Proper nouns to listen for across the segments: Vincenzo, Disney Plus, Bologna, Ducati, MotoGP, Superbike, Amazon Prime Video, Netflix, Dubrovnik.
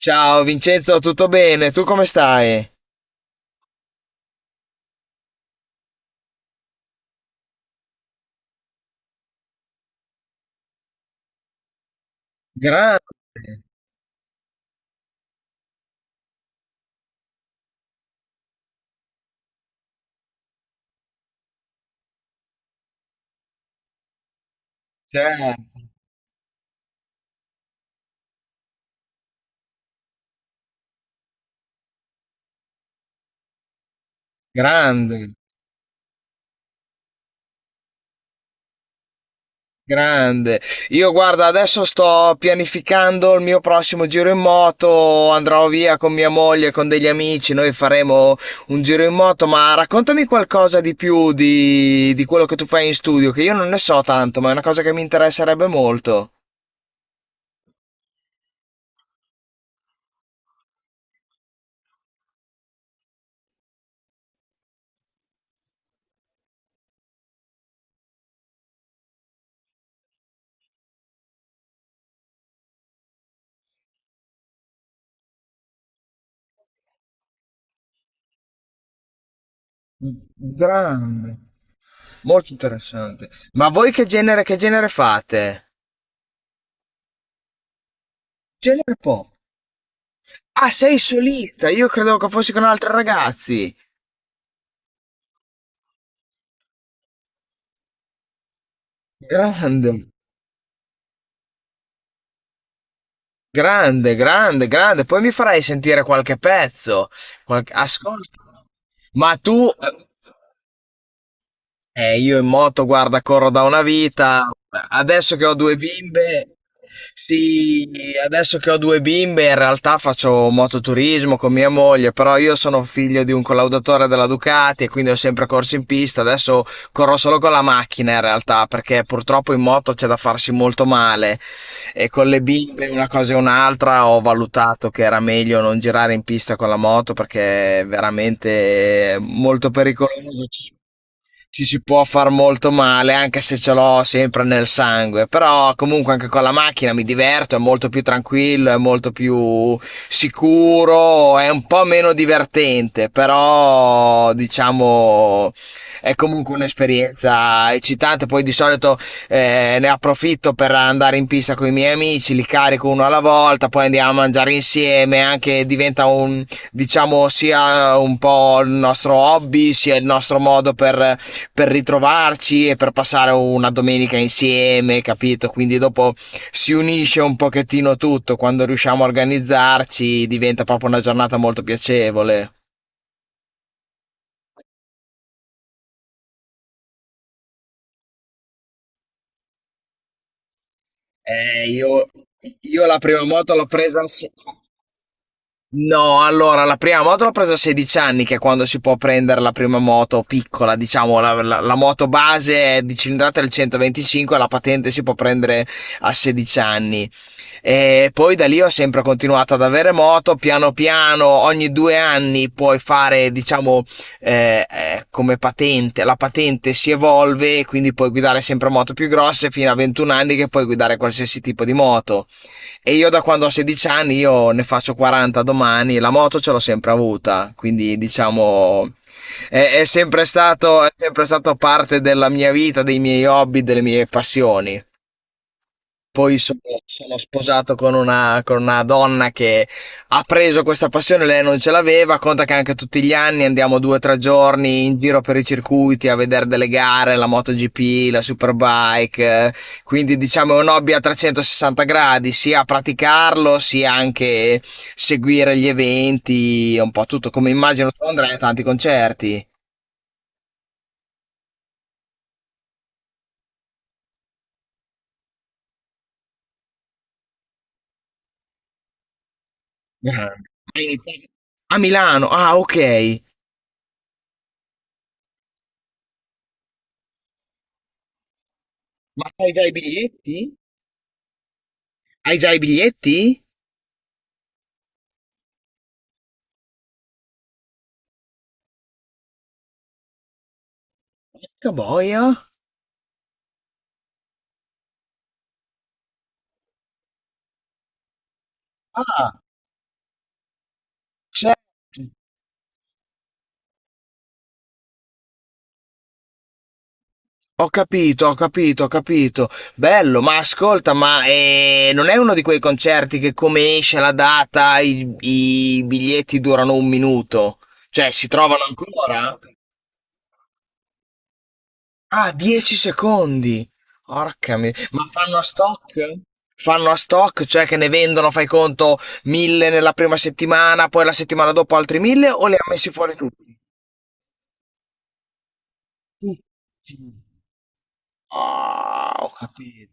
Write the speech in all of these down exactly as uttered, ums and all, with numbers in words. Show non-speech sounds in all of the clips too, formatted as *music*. Ciao Vincenzo, tutto bene? Tu come stai? Grande, certo, grande, grande. Io guarda, adesso sto pianificando il mio prossimo giro in moto, andrò via con mia moglie, con degli amici, noi faremo un giro in moto, ma raccontami qualcosa di più di, di quello che tu fai in studio, che io non ne so tanto, ma è una cosa che mi interesserebbe molto. Grande, molto interessante. Ma voi che genere, che genere fate? Genere pop. Ah, sei solista? Io credevo che fossi con altri ragazzi. Grande, grande, grande, grande. Poi mi farai sentire qualche pezzo. Qualche. Ascolta. Ma tu. Eh, io in moto, guarda, corro da una vita. Adesso che ho due bimbe, sì, adesso che ho due bimbe, in realtà faccio mototurismo con mia moglie, però io sono figlio di un collaudatore della Ducati e quindi ho sempre corso in pista. Adesso corro solo con la macchina in realtà, perché purtroppo in moto c'è da farsi molto male e con le bimbe una cosa e un'altra ho valutato che era meglio non girare in pista con la moto perché è veramente molto pericoloso, ci si può far molto male, anche se ce l'ho sempre nel sangue, però comunque anche con la macchina mi diverto, è molto più tranquillo, è molto più sicuro, è un po' meno divertente, però diciamo è comunque un'esperienza eccitante, poi di solito eh, ne approfitto per andare in pista con i miei amici, li carico uno alla volta, poi andiamo a mangiare insieme, anche diventa un, diciamo, sia un po' il nostro hobby, sia il nostro modo per per ritrovarci e per passare una domenica insieme, capito? Quindi dopo si unisce un pochettino tutto, quando riusciamo a organizzarci diventa proprio una giornata molto piacevole. Eh, io, io la prima moto l'ho presa al, se- No, allora la prima moto l'ho presa a sedici anni, che è quando si può prendere la prima moto piccola, diciamo, la, la- la moto base è di cilindrata del centoventicinque, la patente si può prendere a sedici anni. E poi da lì ho sempre continuato ad avere moto, piano piano, ogni due anni puoi fare, diciamo, eh, eh, come patente, la patente si evolve, quindi puoi guidare sempre moto più grosse fino a ventuno anni che puoi guidare qualsiasi tipo di moto. E io da quando ho sedici anni, io ne faccio quaranta domani, la moto ce l'ho sempre avuta, quindi diciamo è, è sempre stato, è sempre stato parte della mia vita, dei miei hobby, delle mie passioni. Poi sono sono sposato con una con una donna che ha preso questa passione, lei non ce l'aveva, conta che anche tutti gli anni andiamo due o tre giorni in giro per i circuiti a vedere delle gare, la MotoGP, la Superbike, eh, quindi diciamo è un hobby a trecentosessanta gradi, sia praticarlo, sia anche seguire gli eventi, un po' tutto, come immagino tu andrai a tanti concerti. Grande. Hai iniziato- A Milano, ah, ok, ma sai già i biglietti? Hai già i biglietti? Porca boia. Ah, certo. Ho capito, ho capito, ho capito. Bello, ma ascolta, ma eh, non è uno di quei concerti che come esce la data i, i biglietti durano un minuto? Cioè, si trovano ancora? Ah, dieci secondi. Porca mi-. Ma fanno a stock? Fanno a stock, cioè che ne vendono, fai conto, mille nella prima settimana, poi la settimana dopo altri mille, o li ha messi fuori tutti? Tutti. Ah, ho capito.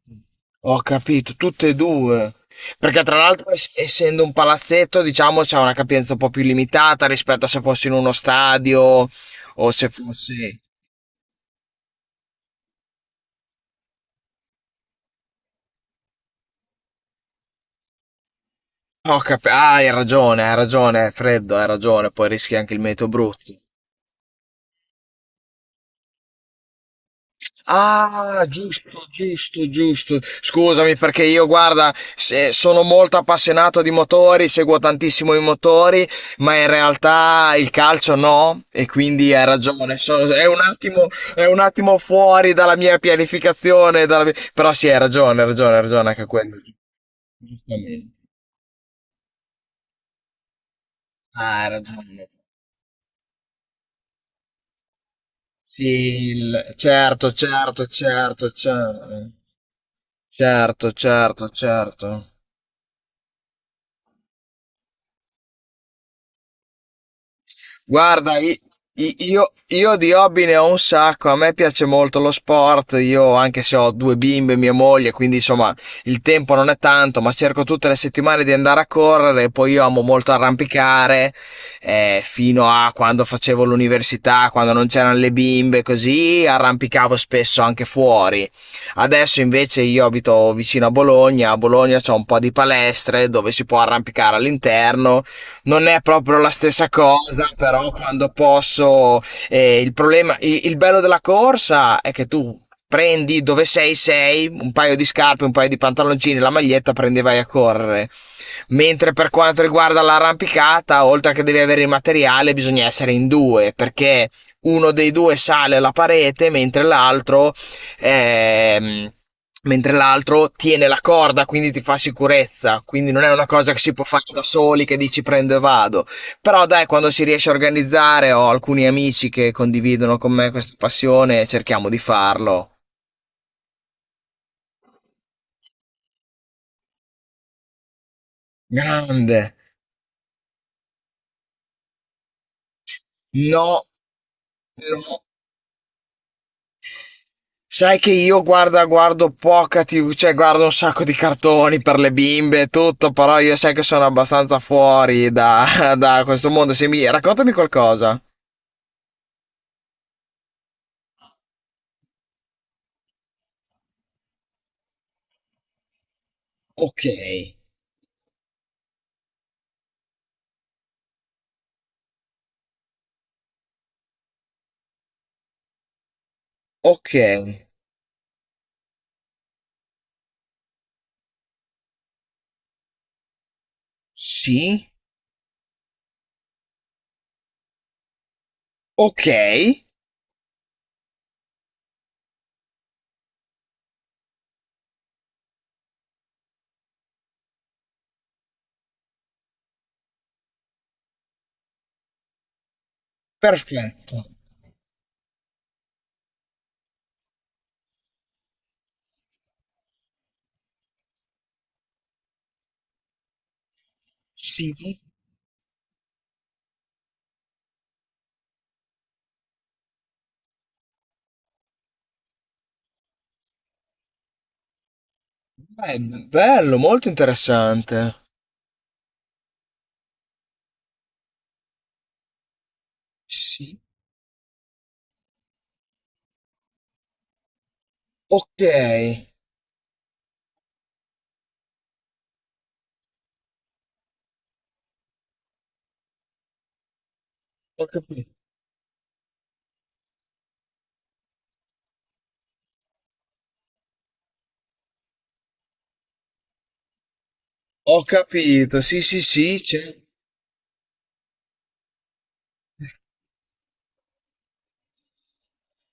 Ho capito, tutte e due. Perché tra l'altro, es- essendo un palazzetto, diciamo, c'è una capienza un po' più limitata rispetto a se fossi in uno stadio o se fossi. Ho cap- ah, hai ragione, hai ragione, è freddo, hai ragione, poi rischi anche il meteo brutto. Ah, giusto, giusto, giusto. Scusami perché io, guarda, se- sono molto appassionato di motori, seguo tantissimo i motori, ma in realtà il calcio no, e quindi hai ragione. Sono- è un attimo, è un attimo fuori dalla mia pianificazione, dalla mia- però sì, hai ragione, hai ragione, hai ragione anche quello. Giustamente. Ah, hai ragione. Sì, il- certo, certo, certo, certo, certo, certo, certo. Guarda, i- i- io, io di hobby ne ho un sacco, a me piace molto lo sport, io anche se ho due bimbe e mia moglie, quindi insomma il tempo non è tanto, ma cerco tutte le settimane di andare a correre, poi io amo molto arrampicare, eh, fino a quando facevo l'università, quando non c'erano le bimbe, così arrampicavo spesso anche fuori. Adesso invece io abito vicino a Bologna, a Bologna c'è un po' di palestre dove si può arrampicare all'interno, non è proprio la stessa cosa, però quando posso, eh, il problema, il, il bello della corsa è che tu prendi dove sei, sei, un paio di scarpe, un paio di pantaloncini, la maglietta, prendi e vai a correre. Mentre per quanto riguarda l'arrampicata, oltre che devi avere il materiale, bisogna essere in due, perché uno dei due sale alla parete, mentre l'altro ehm, mentre l'altro tiene la corda, quindi ti fa sicurezza, quindi non è una cosa che si può fare da soli, che dici prendo e vado. Però dai, quando si riesce a organizzare, ho alcuni amici che condividono con me questa passione, cerchiamo di farlo. Grande. No, no. Sai che io guarda, guardo poca ti vu, cioè guardo un sacco di cartoni per le bimbe e tutto, però io sai che sono abbastanza fuori da, *laughs* da questo mondo. Se mi. Raccontami qualcosa. Ok. Ok, sì, ok, perfetto. Sì, beh, bello, molto interessante. Sì, ok, ho capito. Ho capito, sì, sì, sì, ce-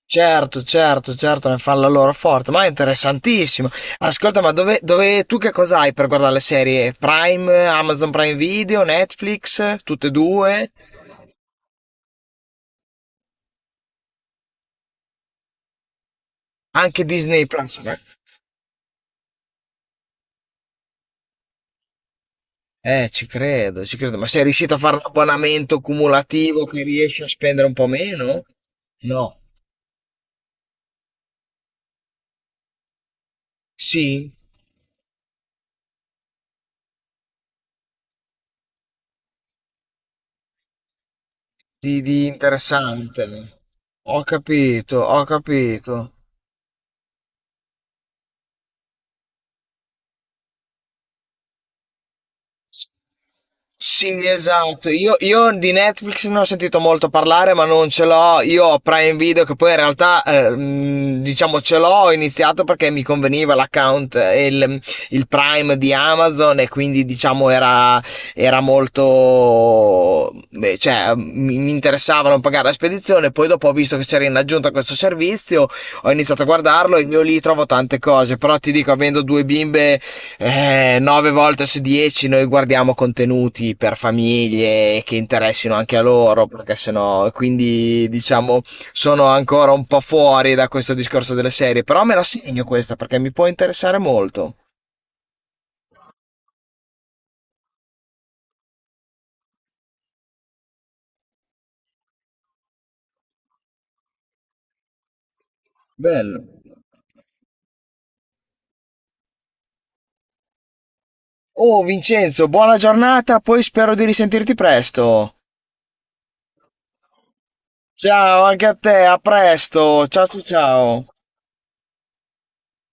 certo, certo, certo, ne fanno la loro forte, ma è interessantissimo. Ascolta, ma dove, dove, tu che cosa hai per guardare le serie? Prime, Amazon Prime Video, Netflix, tutte e due? Anche Disney Plus, ok? Eh, ci credo, ci credo. Ma sei riuscito a fare un abbonamento cumulativo che riesci a spendere un po' meno? No. Sì, di, di interessante. Ho capito, ho capito. Sì, esatto. Io, io di Netflix ne ho sentito molto parlare, ma non ce l'ho. Io ho Prime Video, che poi in realtà, eh, mh, diciamo, ce l'ho. Ho iniziato perché mi conveniva l'account, eh, il, il Prime di Amazon, e quindi, diciamo, era, era molto. Beh, cioè, mi, mi interessava non pagare la spedizione. Poi, dopo, ho visto che c'era in aggiunta questo servizio, ho iniziato a guardarlo e io lì trovo tante cose. Però ti dico, avendo due bimbe, eh, nove volte su dieci noi guardiamo contenuti per famiglie che interessino anche a loro, perché sennò, quindi diciamo sono ancora un po' fuori da questo discorso delle serie, però me la segno questa perché mi può interessare molto. Bello. Oh Vincenzo, buona giornata, poi spero di risentirti presto. Ciao anche a te, a presto. Ciao, ciao, ciao.